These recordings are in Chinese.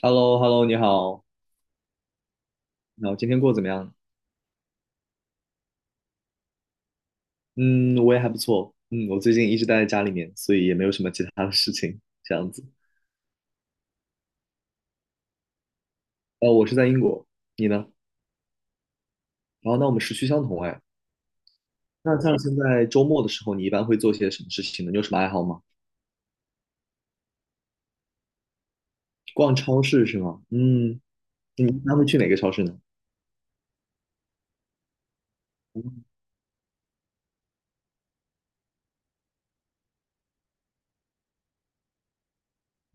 h e l l o hello 你好，那我今天过得怎么样？嗯，我也还不错。嗯，我最近一直待在家里面，所以也没有什么其他的事情，这样子。我是在英国，你呢？然后，那我们时区相同哎。那像现在周末的时候，你一般会做些什么事情呢？你有什么爱好吗？逛超市是吗？嗯，你一般会去哪个超市呢？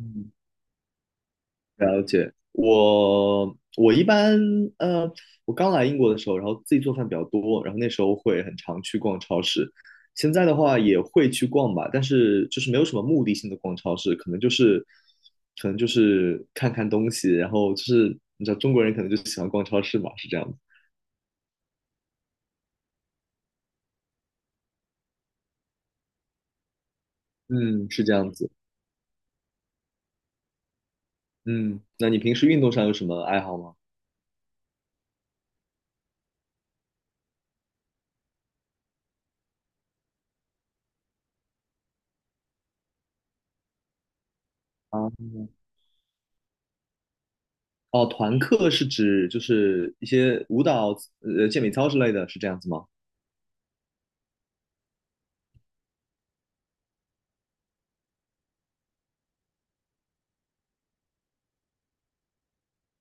嗯，了解。我我一般呃，我刚来英国的时候，然后自己做饭比较多，然后那时候会很常去逛超市。现在的话也会去逛吧，但是就是没有什么目的性的逛超市，可能就是看看东西，然后就是你知道中国人可能就喜欢逛超市嘛，是这样子。嗯，是这样子。嗯，那你平时运动上有什么爱好吗？啊，哦，团课是指就是一些舞蹈、健美操之类的，是这样子吗？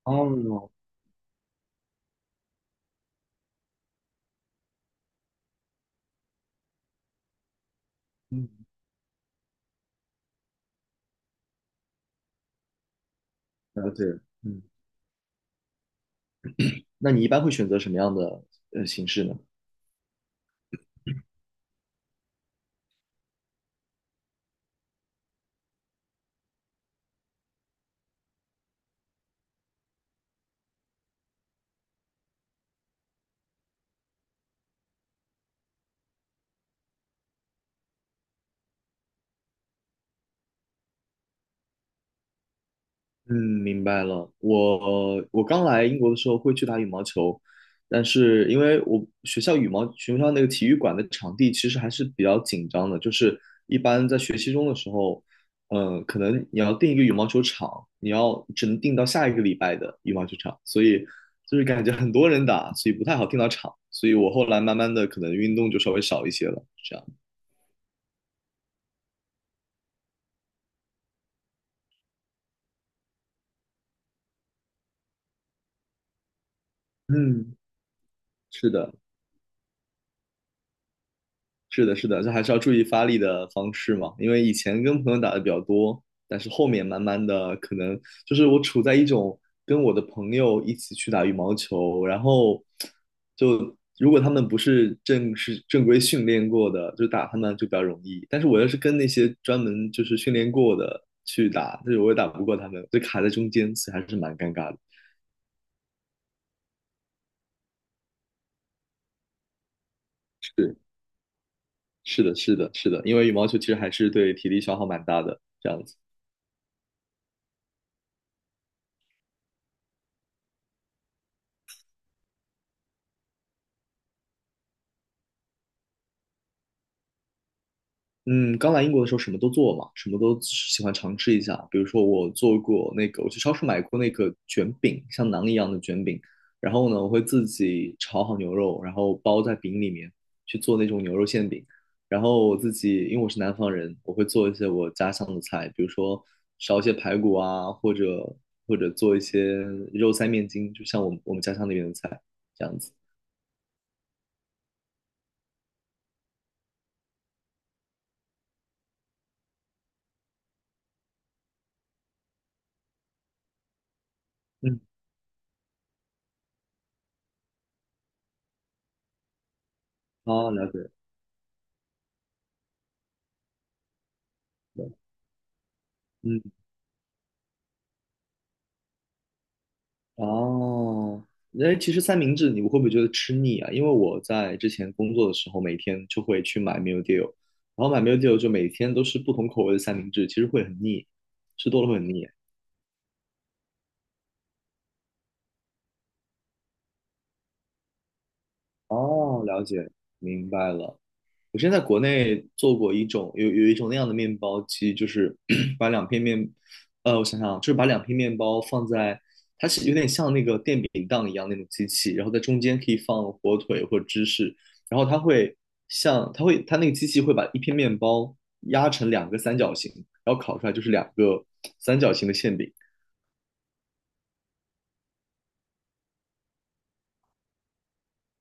哦，嗯，了解。嗯，那你一般会选择什么样的形式呢？嗯，明白了。我刚来英国的时候会去打羽毛球，但是因为我学校羽毛学校那个体育馆的场地其实还是比较紧张的，就是一般在学期中的时候，可能你要定一个羽毛球场，你要只能定到下一个礼拜的羽毛球场，所以就是感觉很多人打，所以不太好定到场，所以我后来慢慢的可能运动就稍微少一些了，是这样。嗯，是的。是的，是的，这还是要注意发力的方式嘛。因为以前跟朋友打的比较多，但是后面慢慢的，可能就是我处在一种跟我的朋友一起去打羽毛球，然后如果他们不是正式正规训练过的，就打他们就比较容易。但是我要是跟那些专门就是训练过的去打，就是我也打不过他们，就卡在中间，所以还是蛮尴尬的。是，是的，是的，是的，因为羽毛球其实还是对体力消耗蛮大的，这样子。嗯，刚来英国的时候什么都做嘛，什么都喜欢尝试一下。比如说，我做过那个，我去超市买过那个卷饼，像馕一样的卷饼。然后呢，我会自己炒好牛肉，然后包在饼里面去做那种牛肉馅饼。然后我自己，因为我是南方人，我会做一些我家乡的菜，比如说烧一些排骨啊，或者做一些肉塞面筋，就像我们家乡那边的菜这样子。嗯，好，了解。对，哦，哎，其实三明治你会不会觉得吃腻啊？因为我在之前工作的时候，每天就会去买 meal deal，然后买 meal deal 就每天都是不同口味的三明治，其实会很腻，吃多了会很腻。哦，了解，明白了。我之前在国内做过一种有一种那样的面包机，就是 把两片面，我想想啊，就是把两片面包放在它是有点像那个电饼铛一样那种机器，然后在中间可以放火腿或芝士，然后它会像它会它那个机器会把一片面包压成两个三角形，然后烤出来就是两个三角形的馅饼。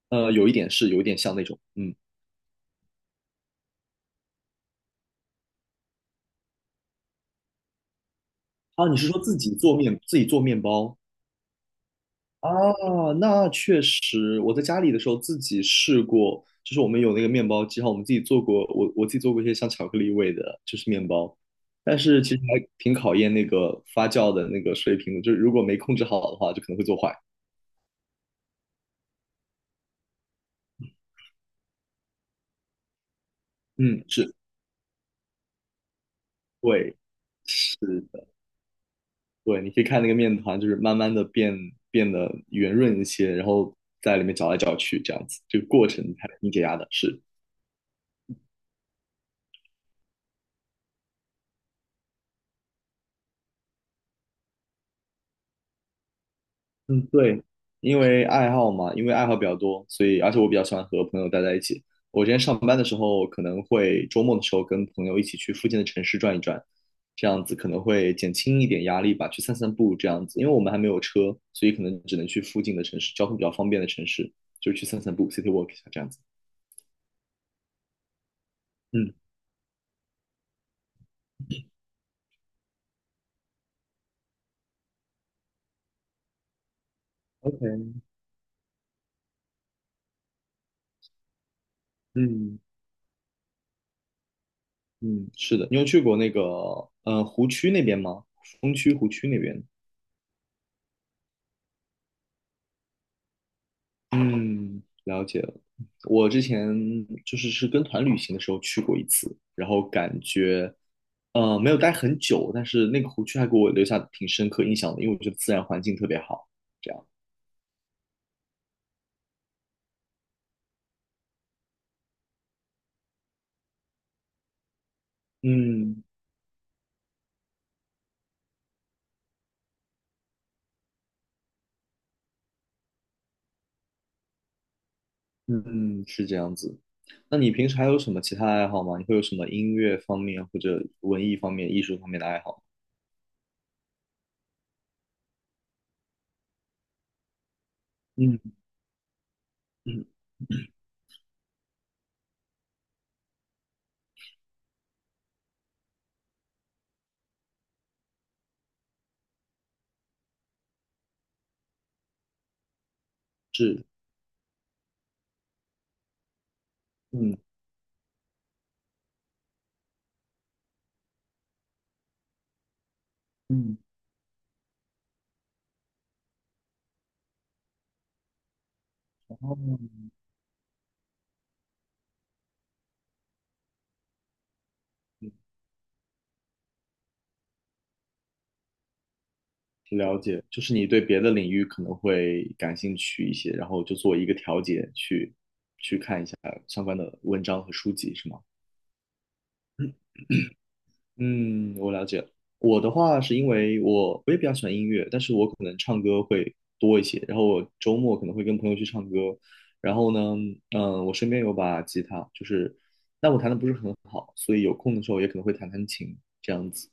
有一点像那种，嗯，啊，你是说自己做面包？啊，那确实，我在家里的时候自己试过，就是我们有那个面包机哈，我们自己做过，我自己做过一些像巧克力味的，就是面包，但是其实还挺考验那个发酵的那个水平的，就是如果没控制好的话，就可能会做坏。嗯，是，对，是的，对，你可以看那个面团，就是慢慢的变得圆润一些，然后在里面搅来搅去，这样子，这个过程还挺解压的，是。嗯，对，因为爱好比较多，所以而且我比较喜欢和朋友待在一起。我今天上班的时候，可能会周末的时候跟朋友一起去附近的城市转一转，这样子可能会减轻一点压力吧，去散散步这样子。因为我们还没有车，所以可能只能去附近的城市，交通比较方便的城市，就去散散步，city walk 一下这样子。嗯，OK，嗯嗯，是的，你有去过那个湖区那边吗？风区湖区那边？嗯，了解了。我之前就是是跟团旅行的时候去过一次，然后感觉，没有待很久，但是那个湖区还给我留下挺深刻印象的，因为我觉得自然环境特别好。这样，嗯嗯，是这样子。那你平时还有什么其他爱好吗？你会有什么音乐方面或者文艺方面、艺术方面的爱好嗯嗯，是，嗯嗯，哦，了解，就是你对别的领域可能会感兴趣一些，然后就做一个调节，去相关的文章和书籍，是吗？嗯，我了解了。我的话是因为我也比较喜欢音乐，但是我可能唱歌会多一些。然后我周末可能会跟朋友去唱歌。然后呢，嗯，我身边有把吉他，就是但我弹的不是很好，所以有空的时候也可能会弹弹琴这样子。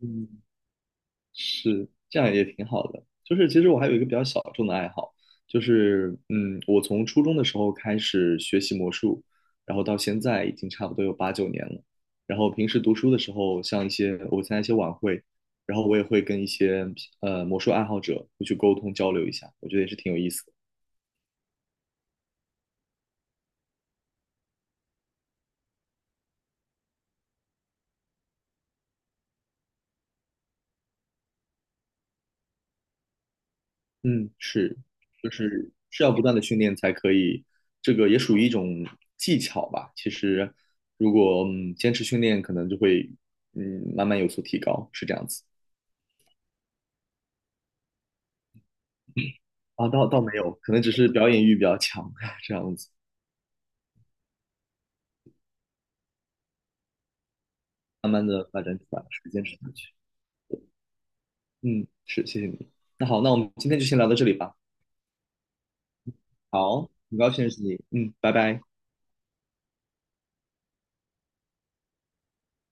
嗯。是，这样也挺好的。就是其实我还有一个比较小众的爱好，我从初中的时候开始学习魔术，然后到现在已经差不多有8、9年了。然后平时读书的时候，像一些我参加一些晚会，然后我也会跟一些魔术爱好者会去沟通交流一下，我觉得也是挺有意思的。嗯，是，就是是要不断的训练才可以，这个也属于一种技巧吧。其实，如果坚持训练，可能就会慢慢有所提高，是这样子。啊，倒没有，可能只是表演欲比较强 这样子，慢慢的发展出来，是坚持下去。嗯，是，谢谢你。那好，那我们今天就先聊到这里吧。好，很高兴认识你。嗯，拜拜。